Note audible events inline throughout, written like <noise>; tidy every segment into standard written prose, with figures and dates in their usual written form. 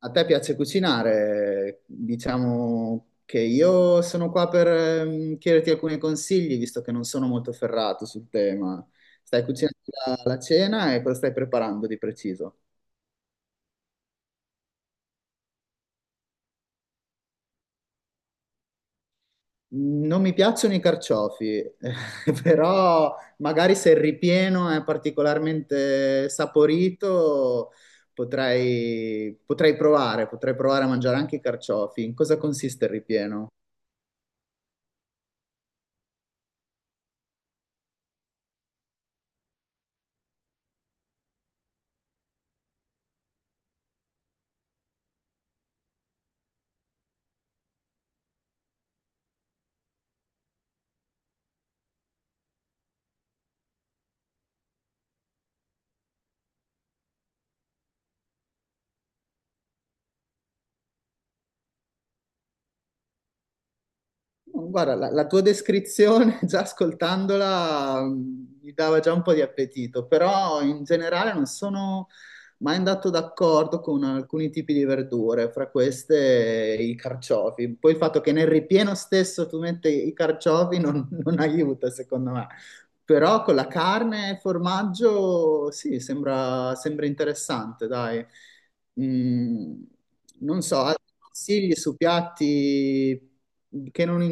A te piace cucinare? Diciamo che io sono qua per chiederti alcuni consigli, visto che non sono molto ferrato sul tema. Stai cucinando la cena e cosa stai preparando di preciso? Mm, non mi piacciono i carciofi, <laughs> però magari se il ripieno è particolarmente saporito, potrei provare a mangiare anche i carciofi. In cosa consiste il ripieno? Guarda, la tua descrizione, <laughs> già ascoltandola, mi dava già un po' di appetito, però in generale non sono mai andato d'accordo con alcuni tipi di verdure, fra queste i carciofi. Poi il fatto che nel ripieno stesso tu metti i carciofi non, <laughs> non aiuta, secondo me. Però con la carne e formaggio, sì, sembra interessante, dai. Mm, non so, altri consigli su piatti che non...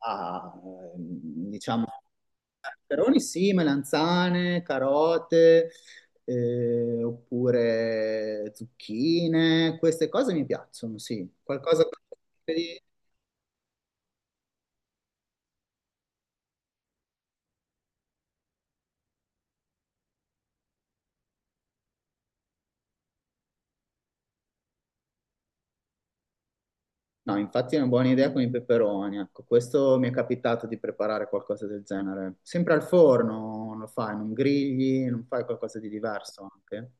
Ah, diciamo, peperoni sì, melanzane, carote, oppure zucchine, queste cose mi piacciono, sì. Qualcosa di... No, infatti è una buona idea con i peperoni, ecco, questo mi è capitato di preparare qualcosa del genere. Sempre al forno lo fai, non grigli, non fai qualcosa di diverso anche?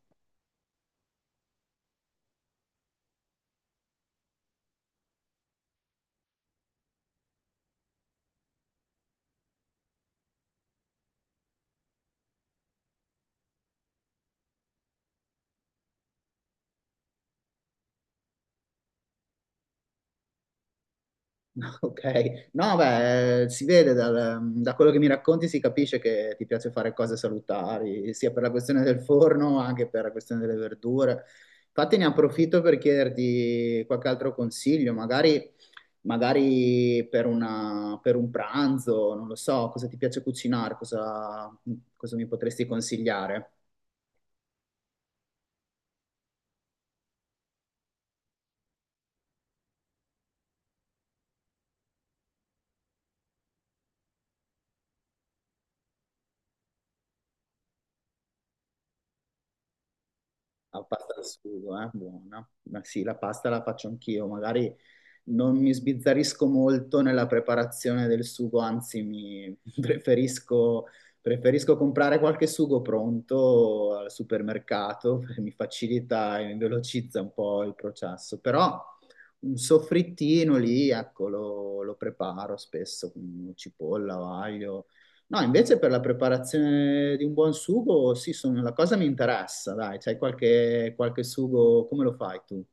<laughs> Ok, no, beh, si vede da quello che mi racconti, si capisce che ti piace fare cose salutari, sia per la questione del forno, anche per la questione delle verdure. Infatti ne approfitto per chiederti qualche altro consiglio, magari, magari per per un pranzo, non lo so, cosa ti piace cucinare, cosa, cosa mi potresti consigliare? La pasta al sugo, eh? Buona. Ma sì, la pasta la faccio anch'io, magari... non mi sbizzarrisco molto nella preparazione del sugo, anzi mi <laughs> preferisco comprare qualche sugo pronto al supermercato, <laughs> perché mi facilita e mi velocizza un po' il processo, però un soffrittino lì, ecco, lo preparo spesso con cipolla, o aglio. No, invece per la preparazione di un buon sugo, sì, sono- la cosa mi interessa, dai, c'hai qualche, qualche sugo, come lo fai tu?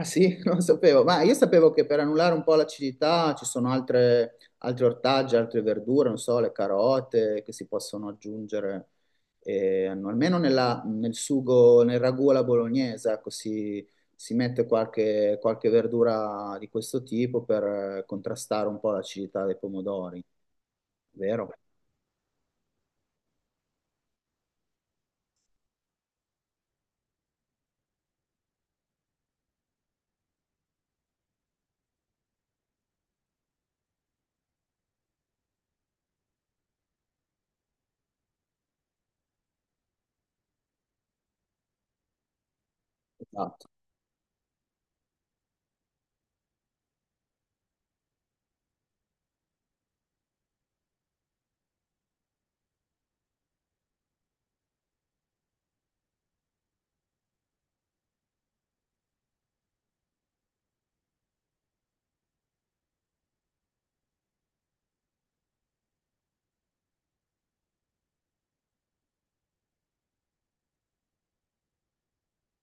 Ah sì, <laughs> non lo sapevo, ma io sapevo che per annullare un po' l'acidità ci sono altre, altri ortaggi, altre verdure, non so, le carote che si possono aggiungere, almeno nel sugo, nel ragù alla bolognese, ecco, si mette qualche, qualche verdura di questo tipo per contrastare un po' l'acidità dei pomodori, vero? Esatto.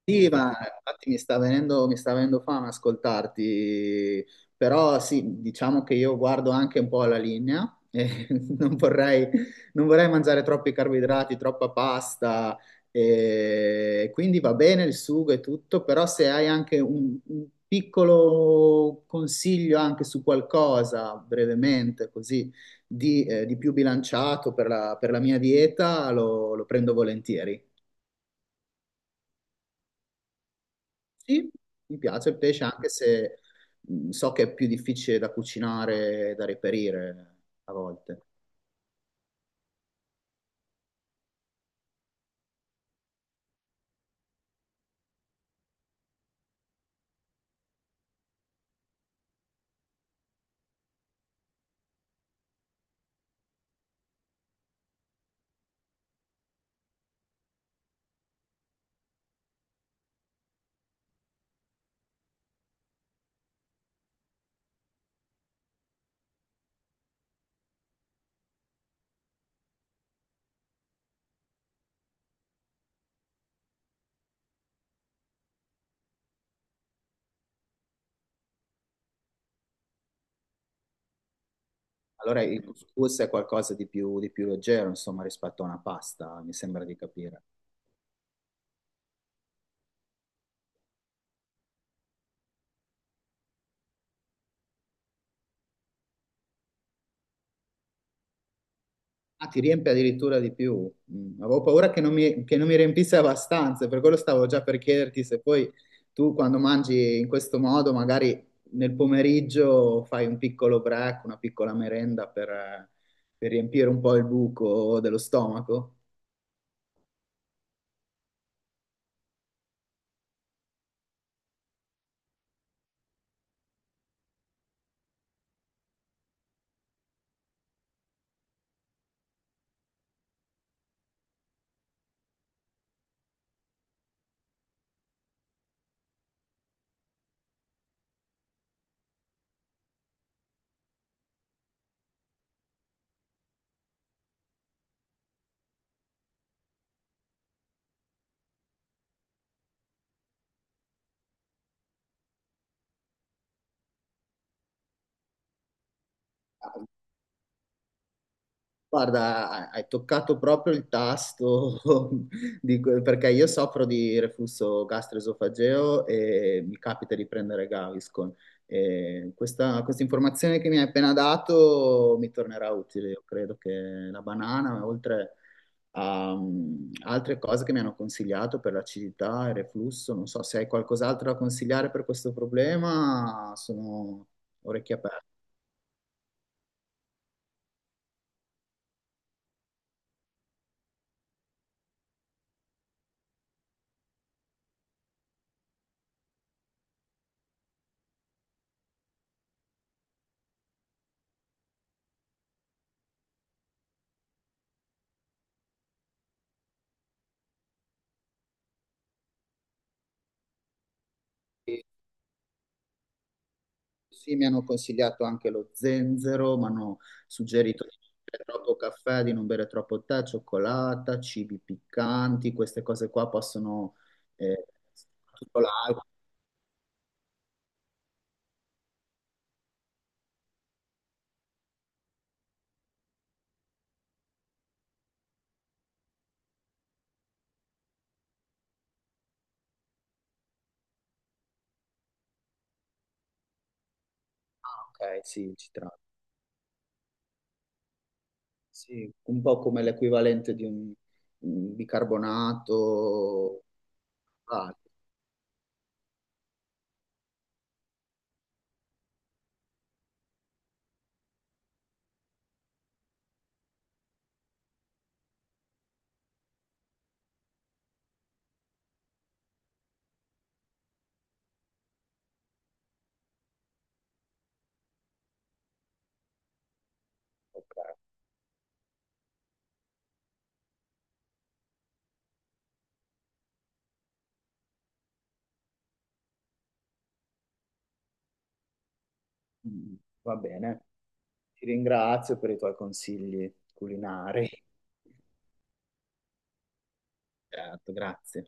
Sì, ma infatti mi sta venendo fame ascoltarti, però sì, diciamo che io guardo anche un po' alla linea, e <laughs> non vorrei, non vorrei mangiare troppi carboidrati, troppa pasta, e quindi va bene il sugo e tutto, però se hai anche un piccolo consiglio anche su qualcosa, brevemente così, di più bilanciato per per la mia dieta, lo prendo volentieri. Sì, mi piace il pesce anche se so che è più difficile da cucinare e da reperire a volte. Allora il couscous è qualcosa di più leggero, insomma, rispetto a una pasta, mi sembra di capire. Ah, ti riempie addirittura di più. Mm, avevo paura che non mi riempisse abbastanza, per quello stavo già per chiederti se poi tu quando mangi in questo modo, magari nel pomeriggio fai un piccolo break, una piccola merenda per riempire un po' il buco dello stomaco. Guarda, hai toccato proprio il tasto <laughs> di que- perché io soffro di reflusso gastroesofageo e mi capita di prendere Gaviscon. E questa informazione che mi hai appena dato mi tornerà utile. Io credo che la banana, oltre a mm, altre cose che mi hanno consigliato per l'acidità e il reflusso, non so se hai qualcos'altro da consigliare per questo problema, sono orecchie aperte. Sì, mi hanno consigliato anche lo zenzero, mi hanno suggerito di non bere troppo caffè, di non bere troppo tè, cioccolata, cibi piccanti, queste cose qua possono... eh, tutto l'acqua, ok, sì, ci tratta. Sì, un po' come l'equivalente di un bicarbonato. Ah, mm, va bene, ti ringrazio per i tuoi consigli culinari. Certo, grazie.